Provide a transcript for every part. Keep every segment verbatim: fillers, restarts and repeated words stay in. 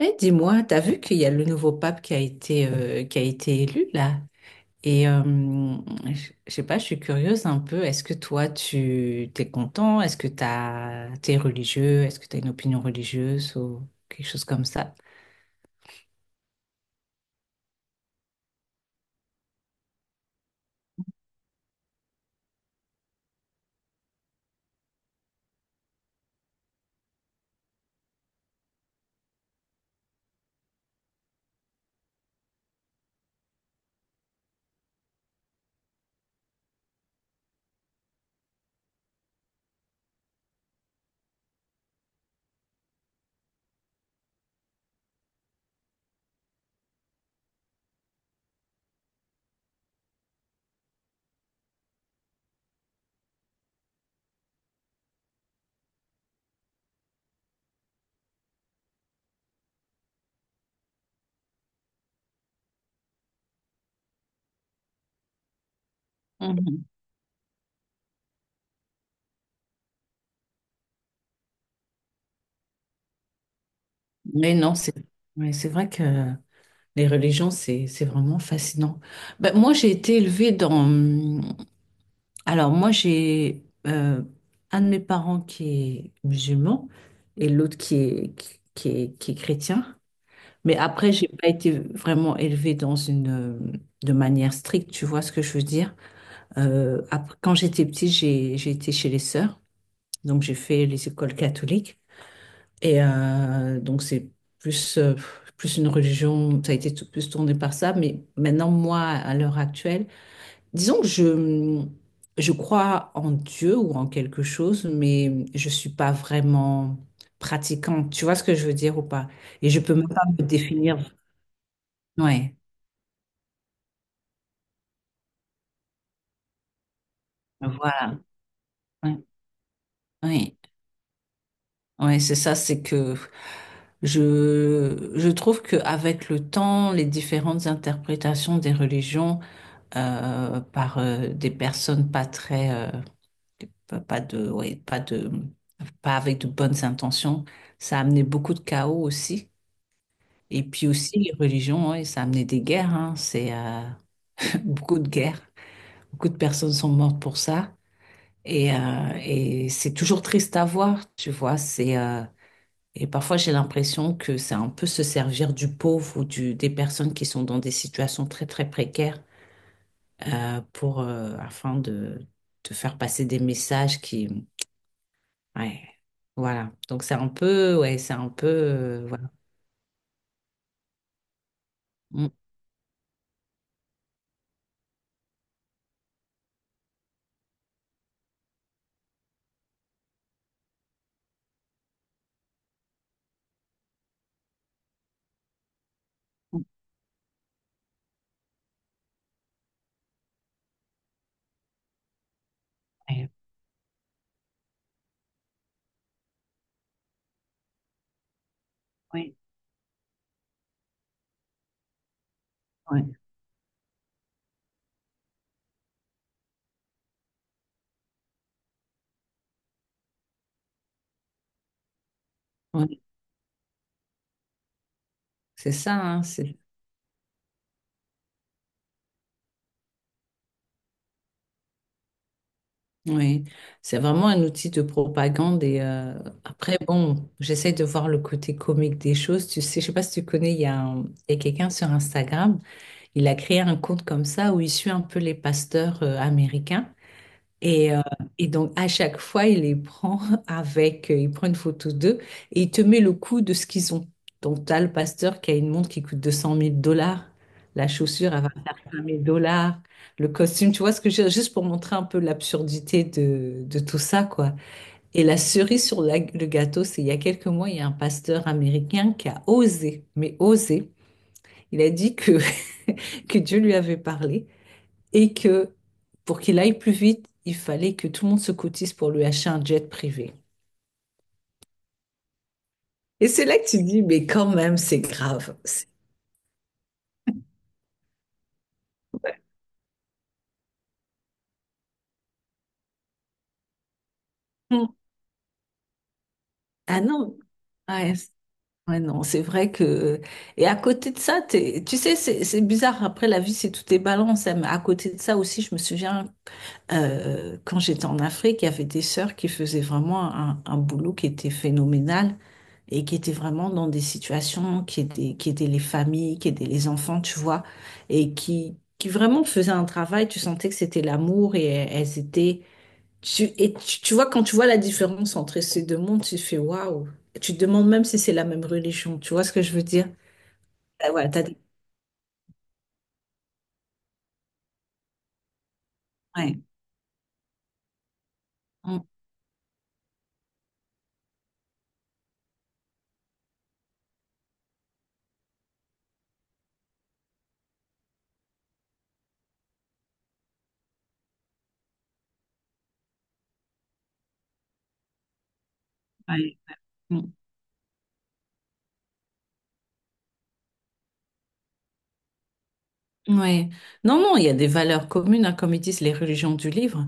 Eh, dis-moi, t'as vu qu'il y a le nouveau pape qui a été, euh, qui a été élu là? Et euh, je je sais pas, je suis curieuse un peu. Est-ce que toi, tu t'es content? Est-ce que t'as, t'es religieux? Est-ce que t'as une opinion religieuse ou quelque chose comme ça? Mhm. Mais non, c'est mais c'est vrai que les religions, c'est c'est vraiment fascinant. Ben, moi, j'ai été élevée dans, Alors moi j'ai euh, un de mes parents qui est musulman et l'autre qui est, qui, qui est, qui est chrétien. Mais après, j'ai pas été vraiment élevée dans une euh, de manière stricte, tu vois ce que je veux dire. Euh, après, quand j'étais petite, j'ai j'ai été chez les sœurs, donc j'ai fait les écoles catholiques et euh, donc c'est plus euh, plus une religion, ça a été tout- plus tourné par ça. Mais maintenant, moi, à l'heure actuelle, Disons que je, je crois en Dieu ou en quelque chose, mais je suis pas vraiment pratiquante. Tu vois ce que je veux dire ou pas? Et je peux même pas me définir. Ouais, voilà. Ouais, ouais. Ouais, c'est ça, c'est que je, je trouve qu'avec le temps, les différentes interprétations des religions euh, par euh, des personnes pas très... euh, pas de, ouais, pas de, pas avec de bonnes intentions. Ça a amené beaucoup de chaos aussi. Et puis aussi, les religions, ouais, ça a amené des guerres, hein. C'est euh, beaucoup de guerres. Beaucoup de personnes sont mortes pour ça. Et, euh, et c'est toujours triste à voir, tu vois. C'est, euh, et parfois, j'ai l'impression que c'est un peu se servir du pauvre ou du, des personnes qui sont dans des situations très, très précaires euh, pour, euh, afin de, de faire passer des messages qui, Ouais, voilà. Donc c'est un peu, ouais, c'est un peu, euh, voilà. Mm. Ouais, ouais, ouais, ouais. C'est ça, hein, c'est, ouais. C'est vraiment un outil de propagande. Et euh, après, bon, j'essaie de voir le côté comique des choses. Tu sais, je sais pas si tu connais, il y a, un- il y a quelqu'un sur Instagram, il a créé un compte comme ça où il suit un peu les pasteurs euh, américains. Et, euh, et donc, à chaque fois, il les prend avec, euh, il prend une photo d'eux et il te met le coût de ce qu'ils ont. Donc, tu as le pasteur qui a une montre qui coûte deux cent mille dollars. La chaussure, elle va faire mille dollars. Le costume, tu vois ce que je veux dire? Juste pour montrer un peu l'absurdité de, de tout ça, quoi. Et la cerise sur la- le gâteau, c'est il y a quelques mois, il y a un pasteur américain qui a osé, mais osé. Il a dit que, que Dieu lui avait parlé et que pour qu'il aille plus vite, il fallait que tout le monde se cotise pour lui acheter un jet privé. Et c'est là que tu te dis, mais quand même, c'est grave. C'est- Ah non, ouais, ouais, non, c'est vrai que... Et à côté de ça, t'es- tu sais, c'est c'est bizarre, après la vie, c'est tout est balance, hein, mais à côté de ça aussi, je me souviens, euh, quand j'étais en Afrique, il y avait des sœurs qui faisaient vraiment un, un boulot qui était phénoménal, et qui étaient vraiment dans des situations qui étaient, qui étaient les familles, qui étaient les enfants, tu vois, et qui, qui vraiment faisaient un travail, tu sentais que c'était l'amour et elles étaient... Tu, et tu, tu vois, quand tu vois la différence entre ces deux mondes, tu fais waouh. Tu te demandes même si c'est la même religion, tu vois ce que je veux dire? Ah ouais, t'as des- ouais. Mm, ouais. Mm, ouais. Non, non, il y a des valeurs communes, hein, comme ils disent, les religions du livre.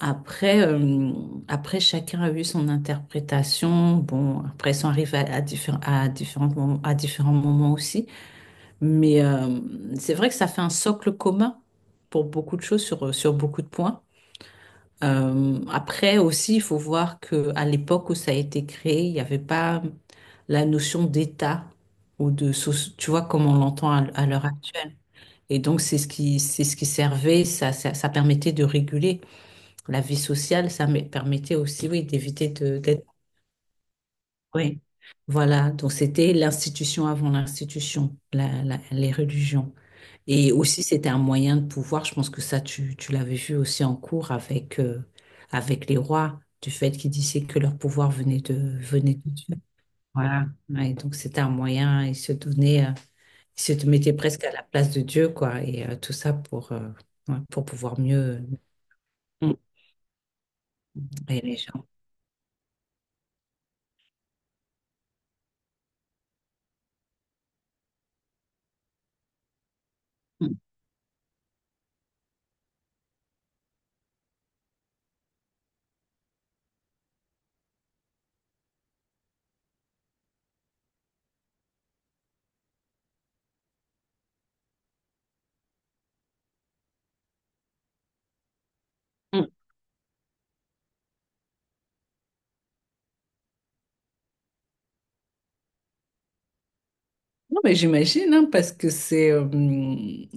Après, euh, après, chacun a eu son interprétation. Bon, après, ça arrive à, à diffé- à différents moments, à différents moments aussi. Mais euh, c'est vrai que ça fait un socle commun pour beaucoup de choses, sur, sur beaucoup de points. Euh, après aussi, il faut voir que à l'époque où ça a été créé, il n'y avait pas la notion d'État ou de, soci- tu vois, comme on l'entend à, à l'heure actuelle. Et donc, c'est ce qui, c'est ce qui servait, ça, ça, ça permettait de réguler la vie sociale, ça me permettait aussi, oui, d'éviter de, d'être. Oui. Voilà. Donc, c'était l'institution avant l'institution, la- la- les religions. Et aussi, c'était un moyen de pouvoir. Je pense que ça, tu, tu l'avais vu aussi en cours avec, euh, avec les rois, du fait qu'ils disaient que leur pouvoir venait de, venait de Dieu. Voilà. Ouais, donc, c'était un moyen. Ils se donnaient, euh, ils se mettaient presque à la place de Dieu, quoi. Et euh, tout ça pour, euh, ouais, pour pouvoir mieux euh, aider les gens. Mm. Non, mais j'imagine, hein, parce que c'est euh,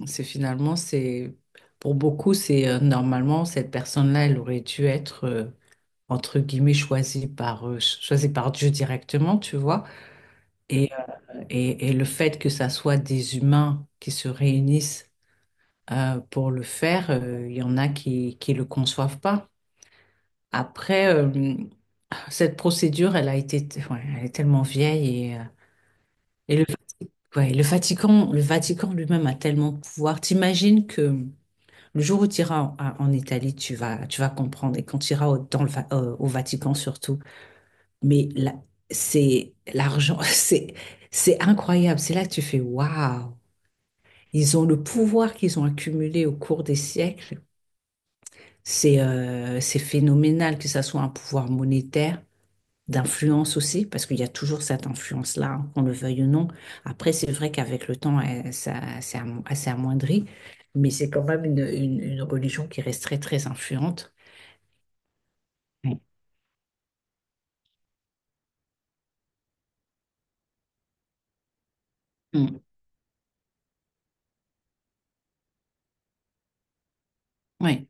c'est finalement, c'est pour beaucoup, c'est euh, normalement, cette personne-là, elle aurait dû être, euh, entre guillemets, choisie par, euh, cho- choisie par Dieu directement, tu vois. Et, euh, et, et, le fait que ça soit des humains qui se réunissent euh, pour le faire, euh, il y en a qui qui le conçoivent pas. Après, euh, Cette procédure, elle a été, ouais, elle est tellement vieille et, euh, et le Ouais, le Vatican, le Vatican lui-même a tellement de pouvoir. T'imagines que le jour où tu iras en, à- en Italie, tu vas, tu vas comprendre. Et quand tu iras au, dans le, Va- euh, au Vatican surtout, mais là, c'est l'argent, c'est, c'est incroyable. C'est là que tu fais waouh. Ils ont le pouvoir qu'ils ont accumulé au cours des siècles. C'est, euh, c'est phénoménal, que ça soit un pouvoir monétaire d'influence aussi, parce qu'il y a toujours cette influence-là, hein, qu'on le veuille ou non. Après, c'est vrai qu'avec le temps, elle- ça s'est am- elle s'est amoindri, mais c'est quand même une, une- une religion qui reste très, très influente. Oui. Mm. Ouais.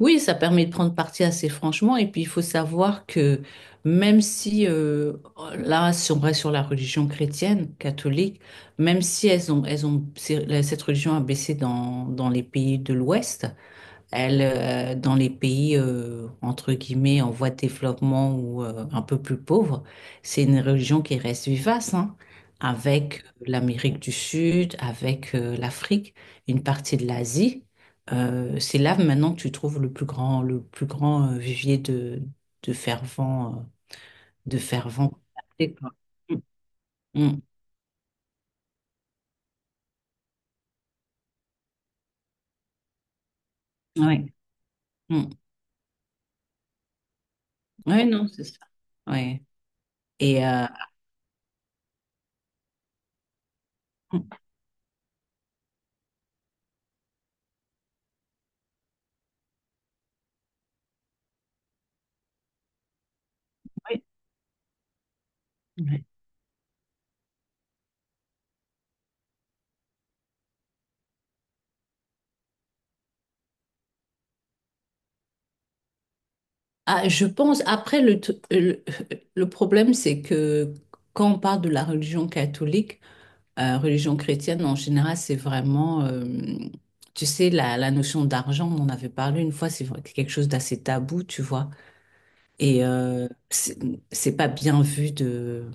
Oui, ça permet de prendre parti assez franchement. Et puis, il faut savoir que même si, euh, là, si on reste sur la religion chrétienne, catholique, même si elles ont, elles ont, c'est- cette religion a baissé dans, dans les pays de l'Ouest. Elle, euh, dans les pays, euh, entre guillemets, en voie de développement ou euh, un peu plus pauvres, c'est une religion qui reste vivace, hein, avec euh, l'Amérique du Sud, avec euh, l'Afrique, une partie de l'Asie. Euh, c'est là maintenant que tu trouves le plus grand, le plus grand euh, vivier de, de fervents, euh, de fervents, contactés, quoi. Mm, mm, ouais, mm. Ouais, non, c'est ça. Ouais. Et euh, mm, ouais. Ah, je pense, après, le, t- le, le problème, c'est que quand on parle de la religion catholique, euh, religion chrétienne en général, c'est vraiment, euh, tu sais, la, la notion d'argent, on en avait parlé une fois, c'est vrai que c'est quelque chose d'assez tabou, tu vois. Et euh, c'est c'est pas bien vu de,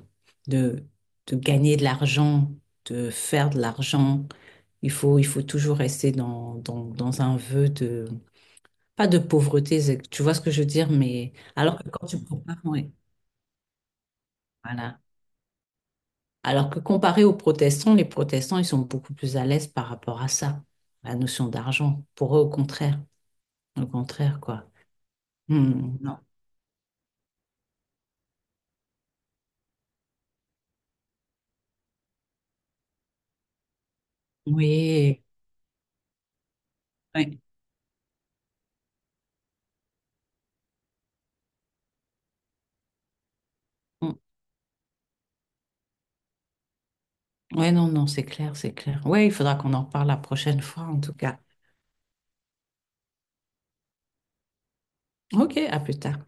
de, de gagner de l'argent, de faire de l'argent. Il faut, il faut toujours rester dans, dans, dans un vœu pas de pauvreté, c'est- tu vois ce que je veux dire, mais alors que quand tu compares, ouais, voilà. Alors que comparé aux protestants, les protestants, ils sont beaucoup plus à l'aise par rapport à ça, la notion d'argent. Pour eux, au contraire, au contraire, quoi. Hmm, non. Oui, ouais. Hmm. Ouais, non, non, c'est clair, c'est clair. Ouais, il faudra qu'on en parle la prochaine fois, en tout cas. Ok, à plus tard.